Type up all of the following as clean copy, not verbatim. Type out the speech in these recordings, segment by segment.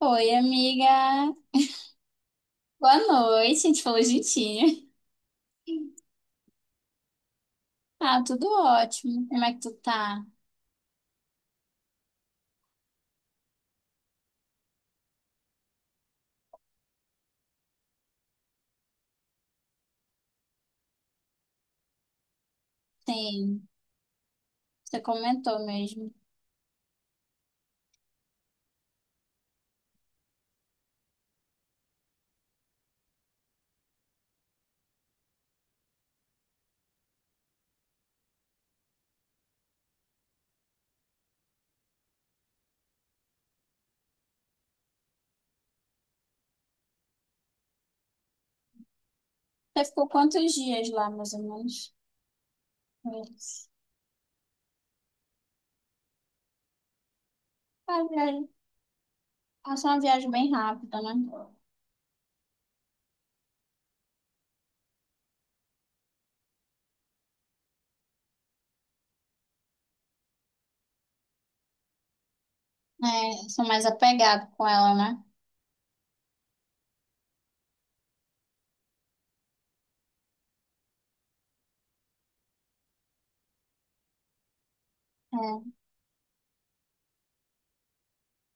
Oi, amiga. Boa noite. A gente falou juntinho. Ah, tudo ótimo. Como é que tu tá? Tem. Você comentou mesmo. Você ficou quantos dias lá, mais ou menos? A viagem. Ah, só uma viagem bem rápida, né? É, sou mais apegado com ela, né?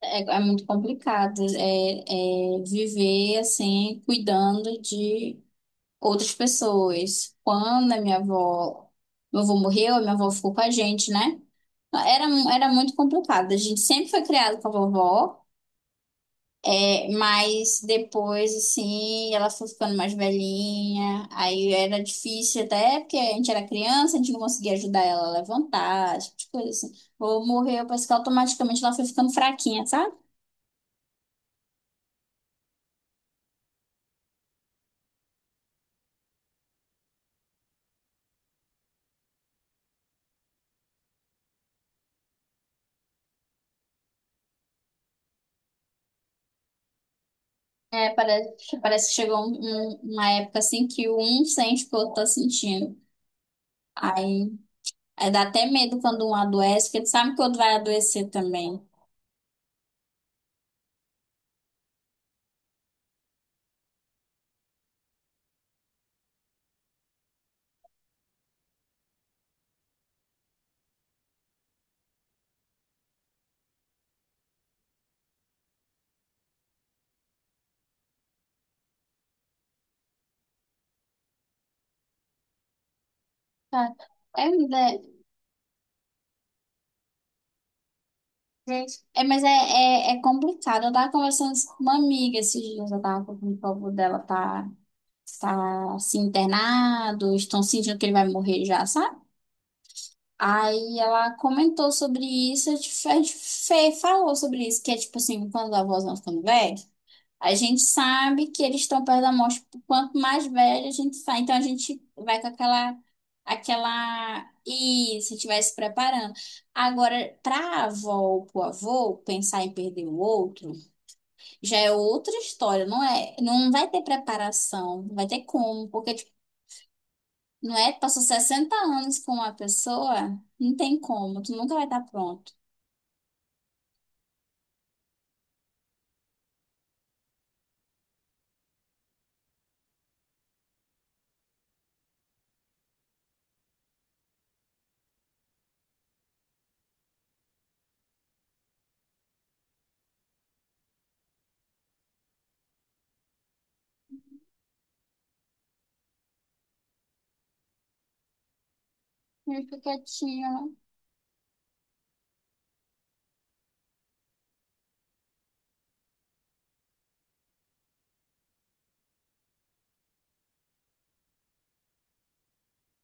É muito complicado. É viver assim, cuidando de outras pessoas. Quando a minha avó, meu avô morreu, a minha avó ficou com a gente, né? Era, era muito complicado. A gente sempre foi criado com a vovó, é, mas depois, assim, ela foi ficando mais velhinha. Aí era difícil até porque a gente era criança, a gente não conseguia ajudar ela a levantar, esse tipo de coisa assim. Ou morreu, parece que automaticamente ela foi ficando fraquinha, sabe? É, parece que chegou uma época assim que um sente o que o outro tá sentindo. Aí. É, dá até medo quando um adoece, porque ele sabe que o outro vai adoecer também. Tá. É, né, gente, é, mas é complicado. Eu tava conversando isso com uma amiga esses dias, eu tava com o povo dela tá assim, internado, estão sentindo que ele vai morrer já, sabe? Aí ela comentou sobre isso, falou sobre isso, que é tipo assim, quando a avó não ficando velha. A gente sabe que eles estão perto da morte. Quanto mais velho a gente sai, então a gente vai com aquela, e se estivesse preparando. Agora, para a avó ou para o avô pensar em perder o outro, já é outra história, não é? Não vai ter preparação, não vai ter como, porque tipo, não é? Passou 60 anos com uma pessoa, não tem como, tu nunca vai estar pronto. Ele fica quietinho.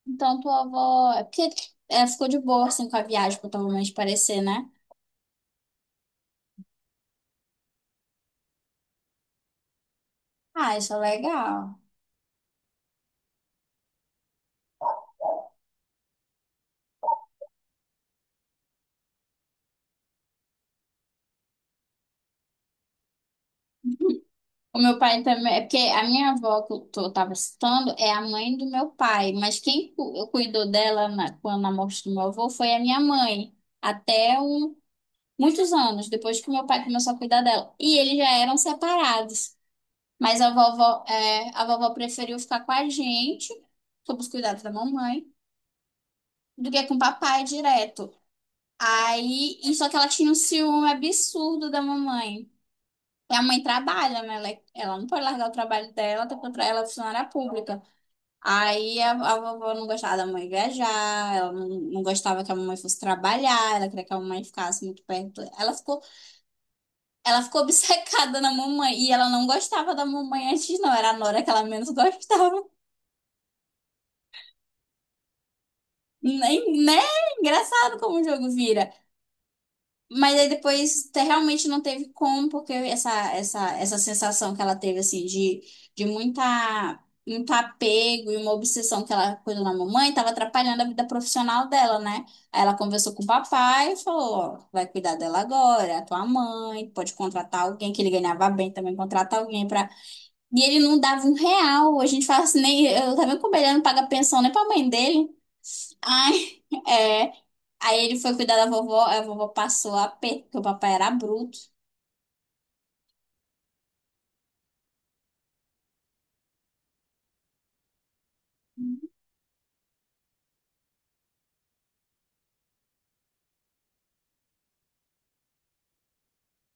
Então, tua avó. É porque ela ficou de boa assim com a viagem, pra provavelmente parecer, né? Ah, isso é legal. O meu pai também, é porque a minha avó que eu tava citando é a mãe do meu pai, mas quem cuidou dela quando na morte do meu avô foi a minha mãe, até um, muitos anos depois que meu pai começou a cuidar dela. E eles já eram separados, mas a vovó preferiu ficar com a gente, sob os cuidados da mamãe, do que com o papai direto. Aí, e só que ela tinha um ciúme absurdo da mamãe. E a mãe trabalha, né? Ela não pode largar o trabalho dela, até porque ela é funcionária pública. Aí a vovó não gostava da mãe viajar, ela não gostava que a mamãe fosse trabalhar, ela queria que a mamãe ficasse muito perto. Ela ficou obcecada na mamãe e ela não gostava da mamãe antes, não. Era a Nora que ela menos gostava. Nem, né? Engraçado como o jogo vira. Mas aí depois realmente não teve como, porque essa sensação que ela teve, assim, de muita, muito apego e uma obsessão que ela cuidou da mamãe, estava atrapalhando a vida profissional dela, né? Aí ela conversou com o papai e falou, ó, vai cuidar dela agora, é a tua mãe, pode contratar alguém, que ele ganhava bem também, contrata alguém e ele não dava um real. A gente fala assim, nem, eu tava vendo como ele não paga pensão nem pra mãe dele. Ai, é. Aí ele foi cuidar da vovó, a vovó passou a pé, porque o papai era bruto.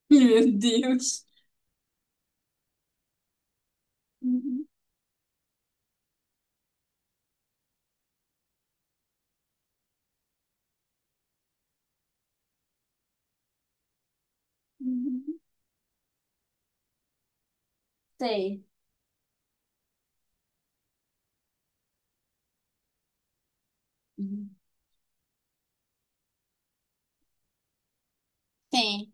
Meu Deus. Sei. Tem.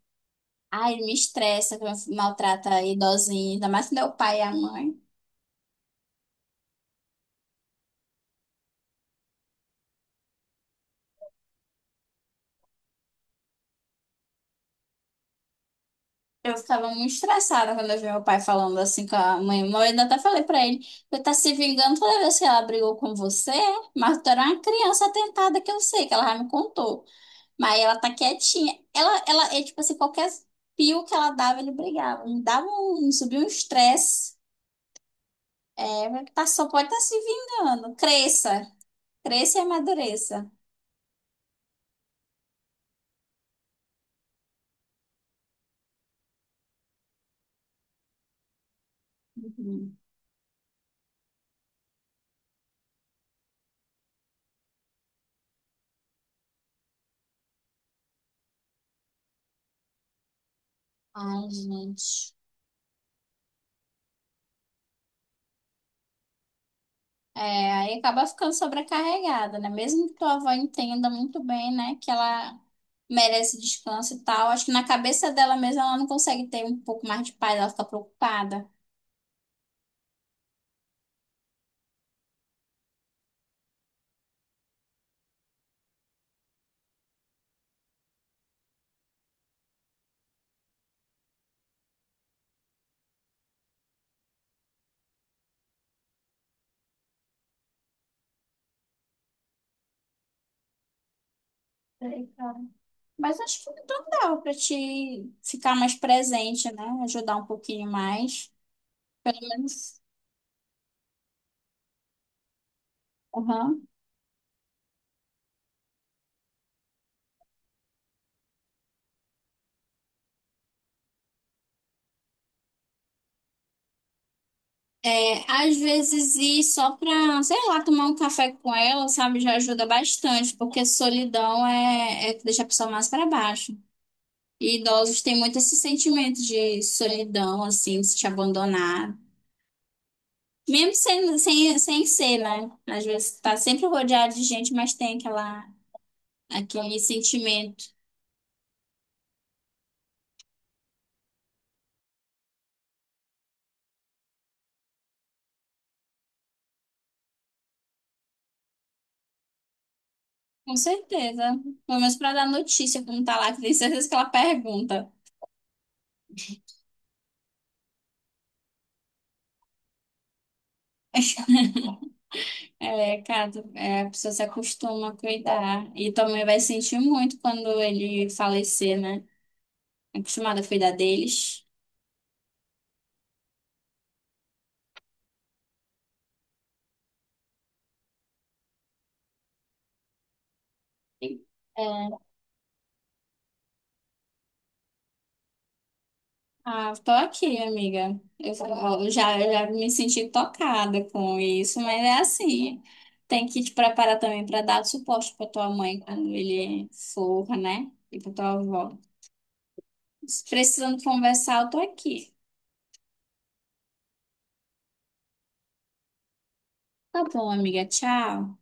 Ai, ele me estressa, que maltrata idosinho, ainda mais quando é o pai e a mãe. Eu ficava muito estressada quando eu vi meu pai falando assim com a mãe. Eu ainda até falei pra ele, você tá se vingando toda vez que ela brigou com você, mas tu era uma criança atentada que eu sei, que ela já me contou. Mas ela tá quietinha. Ela é tipo assim, qualquer pio que ela dava, ele brigava. Me dava um, subia um estresse. É, tá, só pode estar se vingando. Cresça. Cresça e amadureça. Uhum. Ai, gente. É, aí acaba ficando sobrecarregada, né? Mesmo que tua avó entenda muito bem, né, que ela merece descanso e tal, acho que na cabeça dela mesma ela não consegue ter um pouco mais de paz, ela fica preocupada. Sei, cara. Mas acho que então dava pra te ficar mais presente, né? Ajudar um pouquinho mais. Pelo menos. Uhum. É, às vezes ir só pra, sei lá, tomar um café com ela, sabe, já ajuda bastante, porque solidão é que deixa a pessoa mais pra baixo. E idosos têm muito esse sentimento de solidão, assim, de se abandonado. Mesmo sem ser, né? Às vezes tá sempre rodeado de gente, mas tem aquela, aquele sentimento. Com certeza. Pelo menos para dar notícia, como tá lá, que tem certeza que ela pergunta. É, cara, é, a pessoa se acostuma a cuidar. E também vai sentir muito quando ele falecer, né? Acostumada a cuidar deles. É, ah, tô aqui, amiga. Eu já me senti tocada com isso, mas é assim. Tem que te preparar também para dar suporte para tua mãe quando ele for, né? E para tua avó. Se precisando conversar, eu tô aqui. Tá bom, amiga. Tchau.